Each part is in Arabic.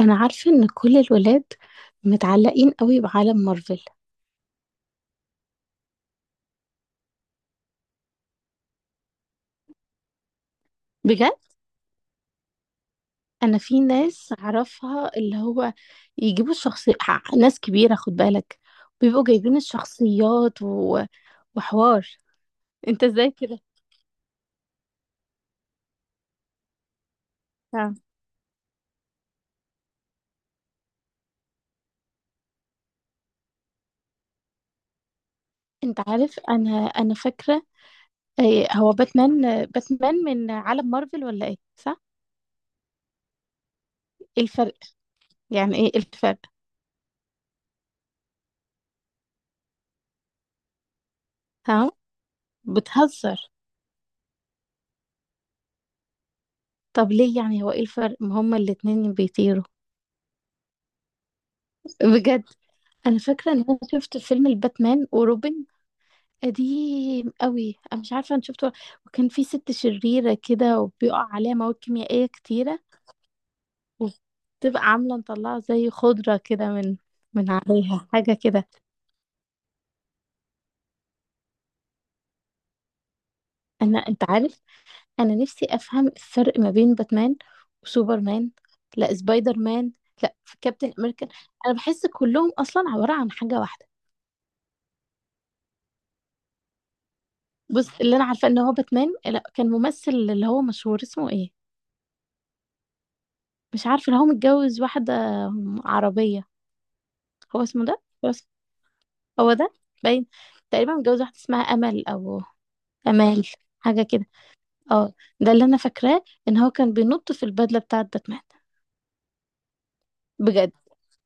انا عارفه ان كل الولاد متعلقين قوي بعالم مارفل. بجد انا في ناس اعرفها اللي هو يجيبوا الشخصية، ناس كبيره خد بالك، بيبقوا جايبين الشخصيات وحوار. انت ازاي كده؟ آه. انت عارف انا فاكره إيه هو باتمان؟ آه، باتمان من عالم مارفل ولا ايه، صح؟ ايه الفرق؟ يعني ايه الفرق؟ ها، بتهزر. طب ليه، يعني هو ايه الفرق؟ ما هما الاتنين بيطيروا. بجد انا فاكره ان انا شفت فيلم الباتمان وروبن، قديم قوي، انا مش عارفه انا شفته، وكان في ست شريره كده وبيقع عليها مواد كيميائيه كتيره، وبتبقى عامله مطلعه زي خضره كده من، من عليها حاجه كده. انا انت عارف انا نفسي افهم الفرق ما بين باتمان وسوبرمان، لا سبايدر مان، لا في كابتن امريكان. انا بحس كلهم اصلا عباره عن حاجه واحده. بص اللي انا عارفه ان هو باتمان، لا كان ممثل اللي هو مشهور اسمه ايه، مش عارفة، اللي هو متجوز واحدة عربية. هو اسمه ده، هو اسمه، هو ده باين، تقريبا متجوز واحدة اسمها أمل أو أمال، حاجة كده. اه، ده اللي أنا فاكراه إن هو كان بينط في البدلة بتاعة باتمان. بجد.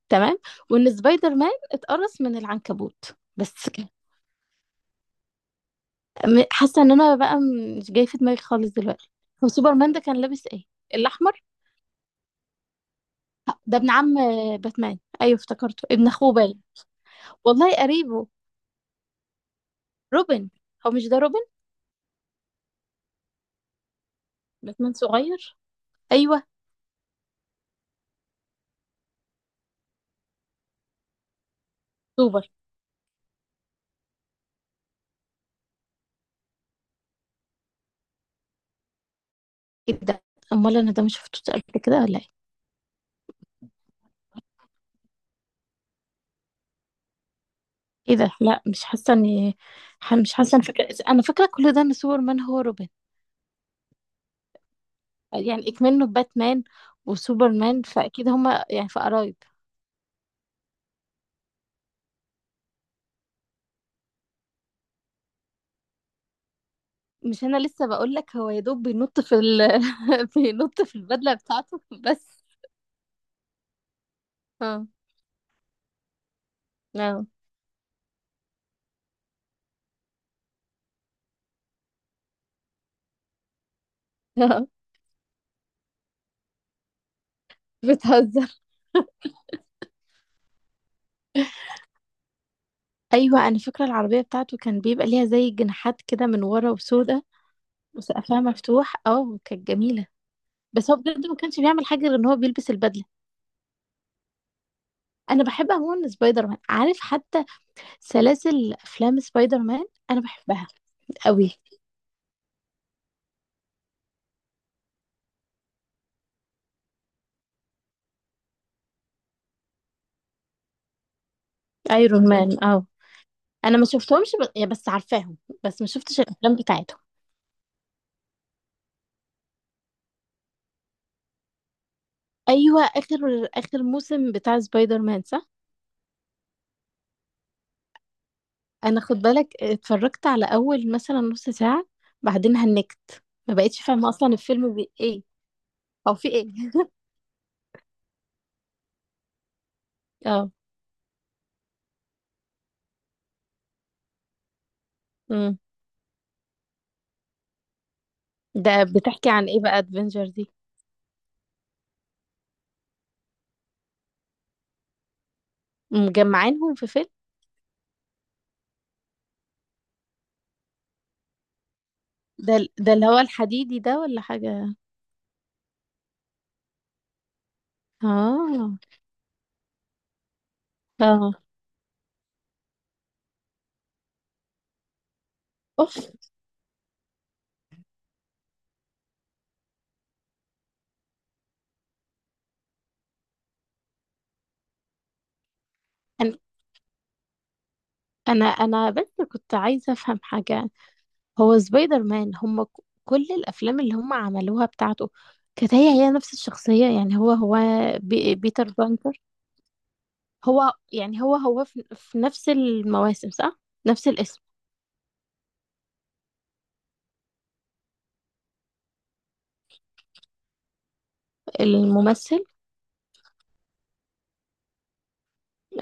تمام. وإن سبايدر مان اتقرص من العنكبوت بس كده. حاسة إن أنا بقى مش جاي في دماغي خالص دلوقتي. هو سوبرمان ده كان لابس إيه؟ الأحمر. ده ابن عم آه، باتمان، أيوه افتكرته ابن أخوه باين، والله قريبه. روبن، هو مش ده روبن؟ باتمان صغير. ايوه. سوبر. ايه ده؟ امال انا ده مش شفتوش قبل كده ولا ايه؟ ايه ده؟ لا مش حاسه اني، مش حاسه انا فاكره، انا فاكره كل ده ان سوبرمان هو روبن. يعني اكمنه باتمان وسوبرمان فاكيد هما يعني في قرايب. مش انا لسه بقول لك هو يا دوب بينط في بينط في البدله بتاعته بس. اه. اه. آه. بتهزر. ايوه انا فاكره العربيه بتاعته كان بيبقى ليها زي جناحات كده من ورا وسودا، وسقفها مفتوح، اه كانت جميله. بس هو بجد ما كانش بيعمل حاجه غير ان هو بيلبس البدله. انا بحب عموما سبايدر مان، عارف حتى سلاسل افلام سبايدر مان، انا بحبها قوي. ايرون مان، اه. انا ما شفتهمش ب... يا بس عارفاهم، بس ما شفتش الافلام بتاعتهم. ايوه اخر اخر موسم بتاع سبايدر مان، صح؟ انا خد بالك اتفرجت على اول مثلا نص ساعه، بعدين هنكت، ما بقتش فاهمه اصلا الفيلم ايه او في ايه. اه. امم ده بتحكي عن ايه بقى ادفنجر دي؟ مجمعينهم في فيلم. ده ده اللي هو الحديدي ده ولا حاجة؟ اه. اه. اوف. انا انا أنا بس كنت عايزة افهم حاجة. هو سبايدر مان كل الافلام اللي هم عملوها بتاعته، كانت هي نفس الشخصية، يعني هو بيتر بانتر. هو يعني هو في, في نفس المواسم صح؟ نفس الاسم، الممثل.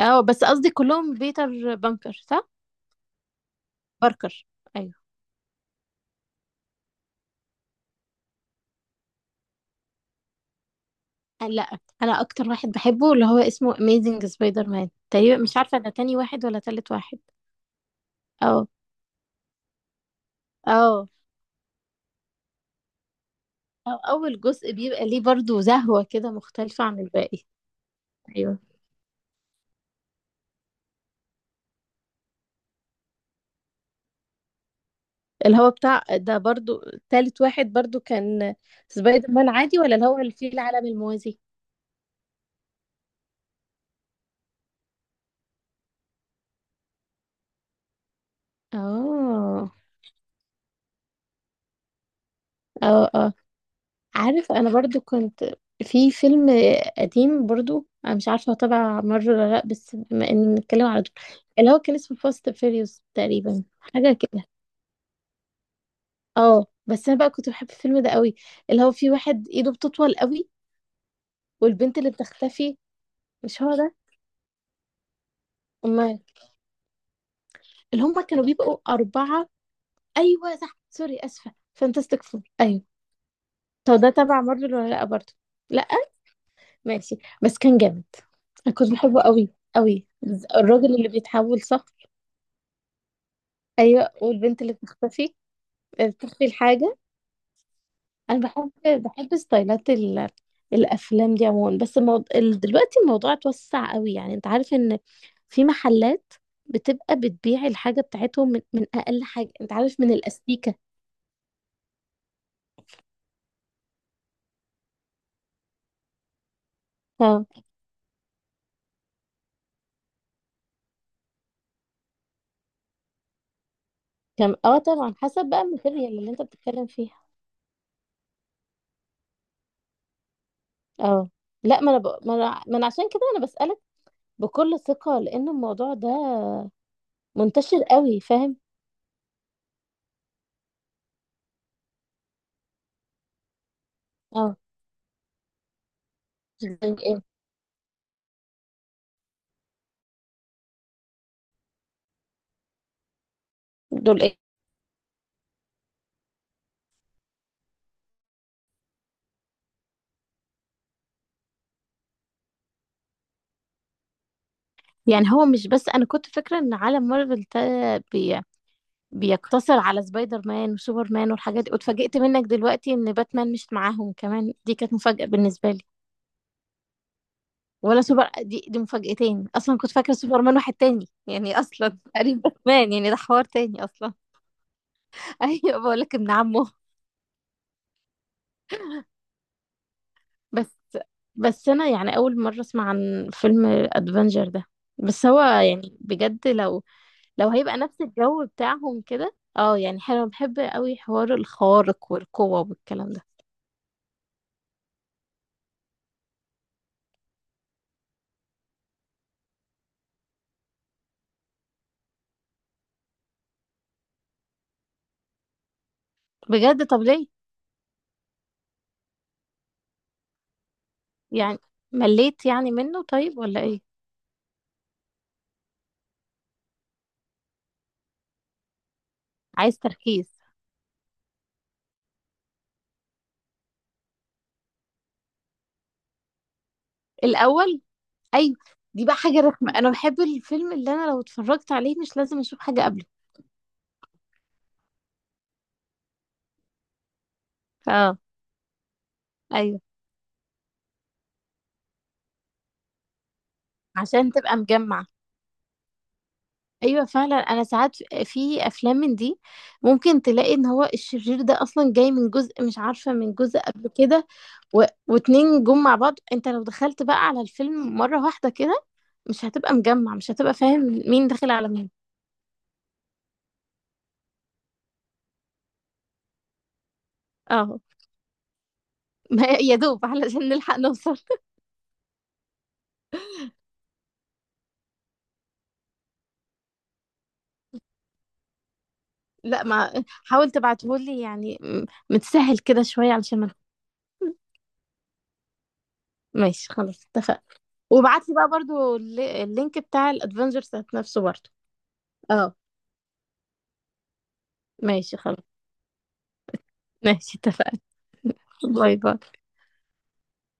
اه بس قصدي كلهم بيتر بانكر صح؟ باركر، ايوه. لا انا اكتر واحد بحبه اللي هو اسمه اميزنج سبايدر مان تقريبا، مش عارفه ده تاني واحد ولا تالت واحد. اه. اه. أو اول جزء بيبقى ليه برضو زهوه كده مختلفه عن الباقي. ايوه اللي هو بتاع ده برضو، تالت واحد برضو كان سبايدر مان عادي ولا اللي هو اللي فيه العالم الموازي؟ اه. اه. اه عارف، انا برضو كنت في فيلم قديم برضو، انا مش عارفه هو تبع مارفل ولا لا، بس بما ان بنتكلم على دول، اللي هو كان اسمه فاست فيريوس تقريبا، حاجه كده. اه بس انا بقى كنت بحب الفيلم ده قوي، اللي هو في واحد ايده بتطول قوي، والبنت اللي بتختفي. مش هو ده؟ امال؟ اللي هم كانوا بيبقوا اربعه. ايوه صح، سوري اسفه فانتاستيك فور، ايوه. هو ده تبع مارفل ولا لا برضو؟ لا. ماشي، بس كان جامد، انا كنت بحبه قوي قوي. الراجل اللي بيتحول صح؟ ايوه والبنت اللي بتختفي، بتخفي الحاجه. انا بحب ستايلات الافلام دي عموما، بس دلوقتي الموضوع اتوسع قوي، يعني انت عارف ان في محلات بتبقى بتبيع الحاجه بتاعتهم من, من اقل حاجه، انت عارف من الاستيكه. اه. كان اه طبعا حسب بقى الماتيريال اللي انت بتتكلم فيها. اه. لا ما انا ب... ما انا ما أنا عشان كده انا بسالك بكل ثقه لان الموضوع ده منتشر قوي، فاهم؟ اه. دول ايه؟ دول ايه؟ يعني هو مش بس، انا كنت فاكره ان عالم مارفل ده بي... بيقتصر على سبايدر مان وسوبر مان والحاجات دي، واتفاجئت منك دلوقتي ان باتمان مش معاهم كمان، دي كانت مفاجاه بالنسبه لي. ولا سوبر، دي مفاجأتين، اصلا كنت فاكره سوبر مان واحد تاني يعني اصلا قريب باتمان، يعني ده حوار تاني اصلا. ايوه بقول لك ابن عمه. بس، بس انا يعني اول مره اسمع عن فيلم ادفنجر ده، بس هو يعني بجد لو، لو هيبقى نفس الجو بتاعهم كده، اه يعني حلو، بحب قوي حوار الخوارق والقوة والكلام ده. بجد؟ طب ليه؟ يعني مليت يعني منه طيب ولا ايه؟ عايز تركيز الاول. ايوه. دي بقى حاجة رخمة، انا بحب الفيلم اللي انا لو اتفرجت عليه مش لازم اشوف حاجة قبله. اه. ايوه عشان تبقى مجمع. ايوه فعلا انا ساعات في في افلام من دي، ممكن تلاقي ان هو الشرير ده اصلا جاي من جزء، مش عارفه من جزء قبل كده، واتنين جم مع بعض، انت لو دخلت بقى على الفيلم مره واحده كده، مش هتبقى مجمع، مش هتبقى فاهم مين داخل على مين. اه. ما يا دوب علشان نلحق نوصل. لا ما حاول تبعتهولي يعني، متسهل كده شويه علشان ما-. ماشي خلاص اتفقنا. وابعت لي بقى برضو اللينك بتاع الادفنجرز نفسه برضو. اه. ماشي خلاص. ماشي اتفقنا. باي باي.